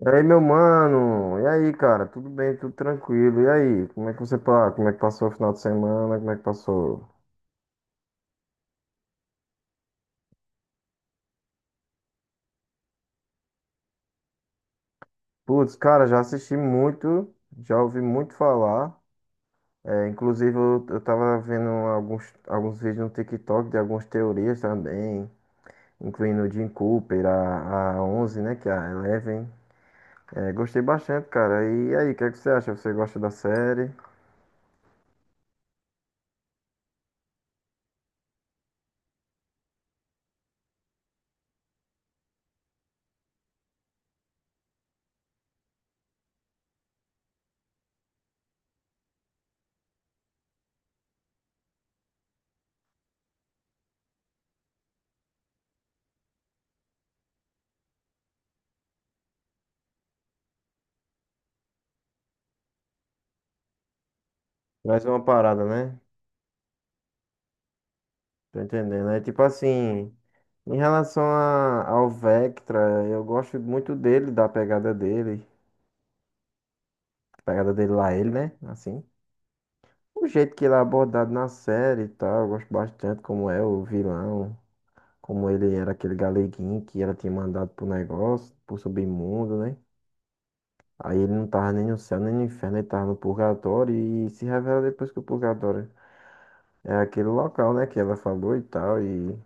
E aí, meu mano? E aí, cara? Tudo bem? Tudo tranquilo? E aí? Como é que passou o final de semana? Como é que passou? Putz, cara, já assisti muito, já ouvi muito falar. É, inclusive, eu tava vendo alguns vídeos no TikTok de algumas teorias também, incluindo o Jim Cooper, a onze, né? Que é a Eleven. É, gostei bastante, cara. E aí, o que é que você acha? Você gosta da série? Mais uma parada, né? Tô entendendo. É tipo assim, em relação ao Vectra, eu gosto muito dele, da pegada dele. Pegada dele lá, ele, né? Assim. O jeito que ele é abordado na série e tal, eu gosto bastante como é o vilão, como ele era aquele galeguinho que ela tinha mandado pro negócio, pro submundo, né? Aí ele não tava nem no céu, nem no inferno, ele tava no purgatório e se revela depois que o purgatório é aquele local, né, que ela falou e tal, e...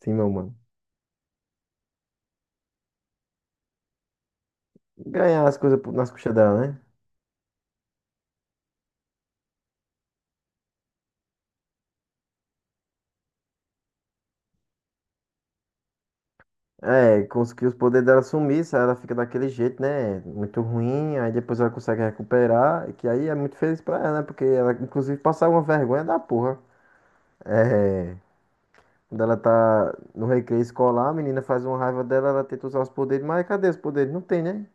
Sim, meu mano. Ganhar as coisas nas costas dela, né? É, conseguiu os poderes dela sumir, se ela fica daquele jeito, né? Muito ruim, aí depois ela consegue recuperar, que aí é muito feliz pra ela, né? Porque ela, inclusive, passa uma vergonha da porra. É, quando ela tá no recreio escolar, a menina faz uma raiva dela, ela tenta usar os poderes, mas cadê os poderes? Não tem, né?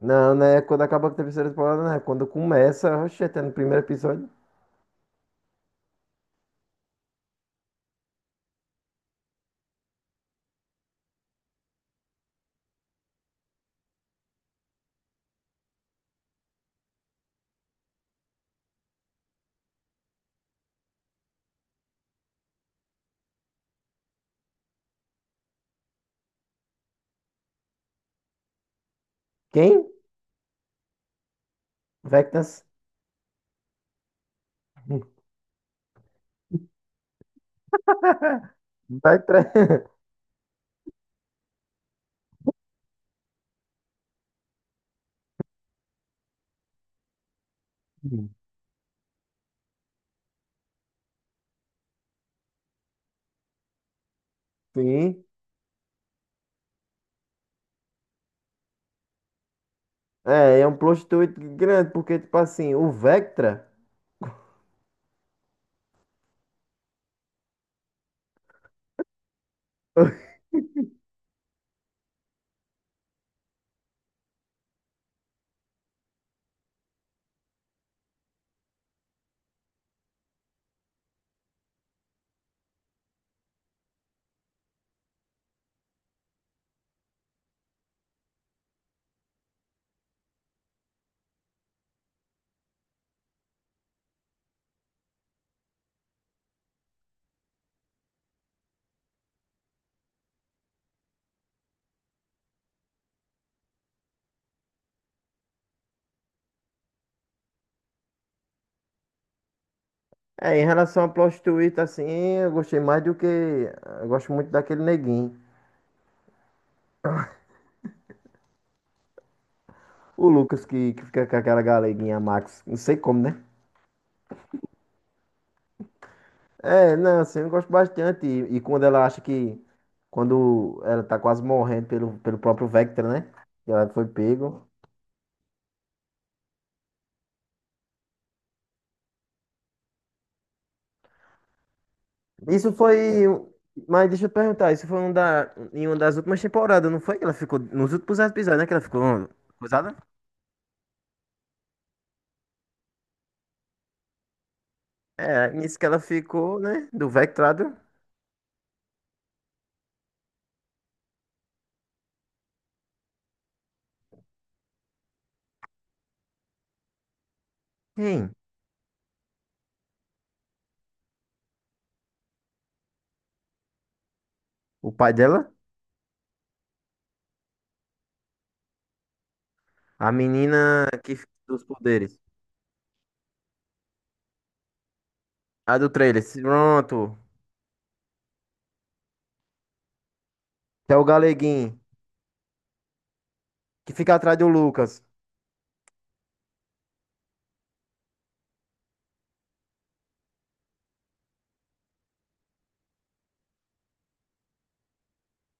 Não, né? Quando acaba com a terceira temporada, né? Quando começa, oxe, até no primeiro episódio. Quem? Vectas. Vai tra... Sim. É, é um plot twist grande, porque, tipo assim, o Vectra. É, em relação a plot twist, assim, eu gostei mais do que. Eu gosto muito daquele neguinho. O Lucas que fica com aquela galeguinha Max. Não sei como, né? É, não, assim, eu gosto bastante. E quando ela acha que. Quando ela tá quase morrendo pelo, pelo próprio Vector, né? Que ela foi pego. Isso foi um. Mas deixa eu perguntar, isso foi um em uma das últimas temporadas, não foi? Que ela ficou. Nos últimos episódios, né? Que ela ficou. Coisada? É, nisso que ela ficou, né? Do Vectrado. Quem? O pai dela? A menina que fica dos poderes. A do trailer. Pronto. Que é o Galeguinho. Que fica atrás do Lucas.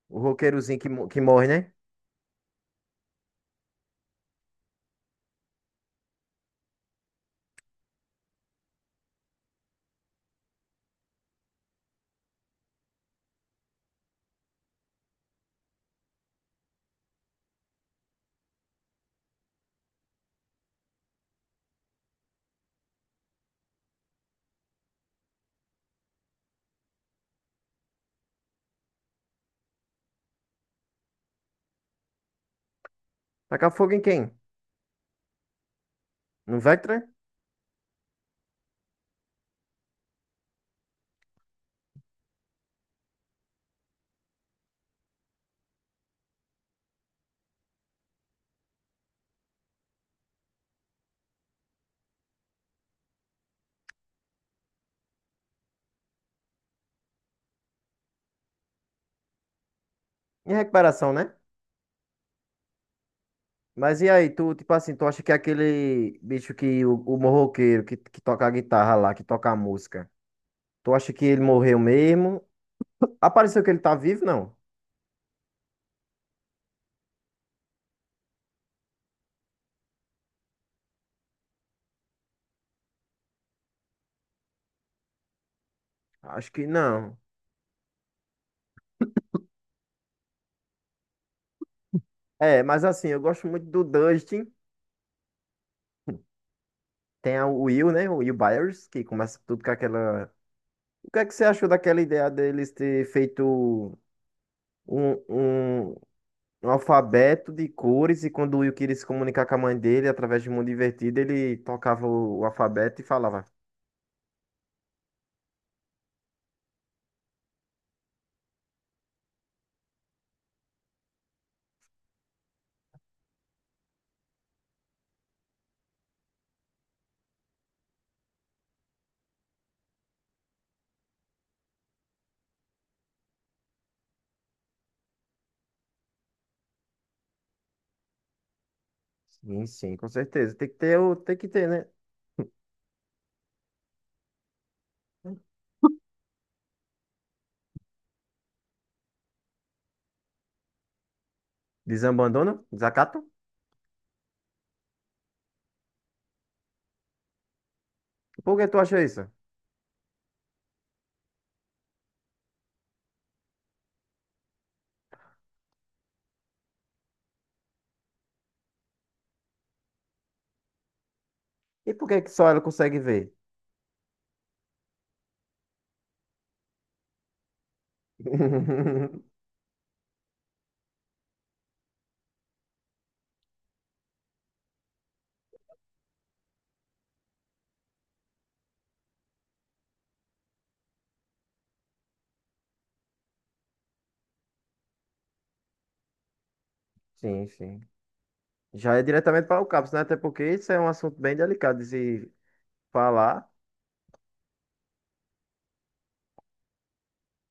O roqueirozinho que morre, né? Tacar fogo em quem? No Vectra? Em recuperação, né? Mas e aí, tu, tipo assim, tu acha que é aquele bicho que o morroqueiro que toca a guitarra lá, que toca a música, tu acha que ele morreu mesmo? Apareceu que ele tá vivo? Não. Acho que não. É, mas assim, eu gosto muito do Dustin. O Will, né? O Will Byers, que começa tudo com aquela. O que é que você achou daquela ideia deles ter feito um, um, um alfabeto de cores e quando o Will queria se comunicar com a mãe dele através de Mundo Invertido, ele tocava o alfabeto e falava. Sim, sim, com certeza. Tem que ter, né? Desabandono? Desacato? Por que tu acha isso? E por que que só ela consegue ver? Sim, sim. Já é diretamente para o CAPS, né? Até porque isso é um assunto bem delicado de se falar.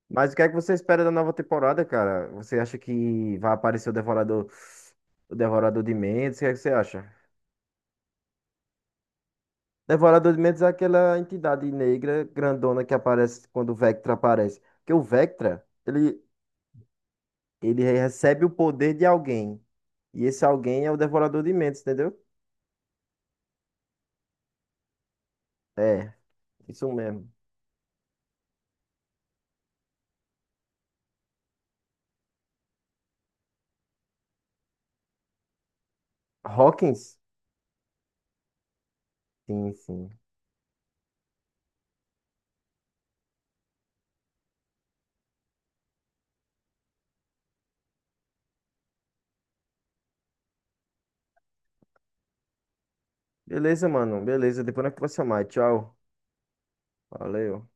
Mas o que é que você espera da nova temporada, cara? Você acha que vai aparecer o Devorador de Mentes? O que é que você acha? Devorador de Mentes é aquela entidade negra grandona que aparece quando o Vectra aparece. Porque o Vectra, ele recebe o poder de alguém. E esse alguém é o Devorador de Mentes, entendeu? É, isso mesmo. Hawkins? Sim, sim. Beleza, mano. Beleza. Depois nós conversamos mais. Tchau. Valeu.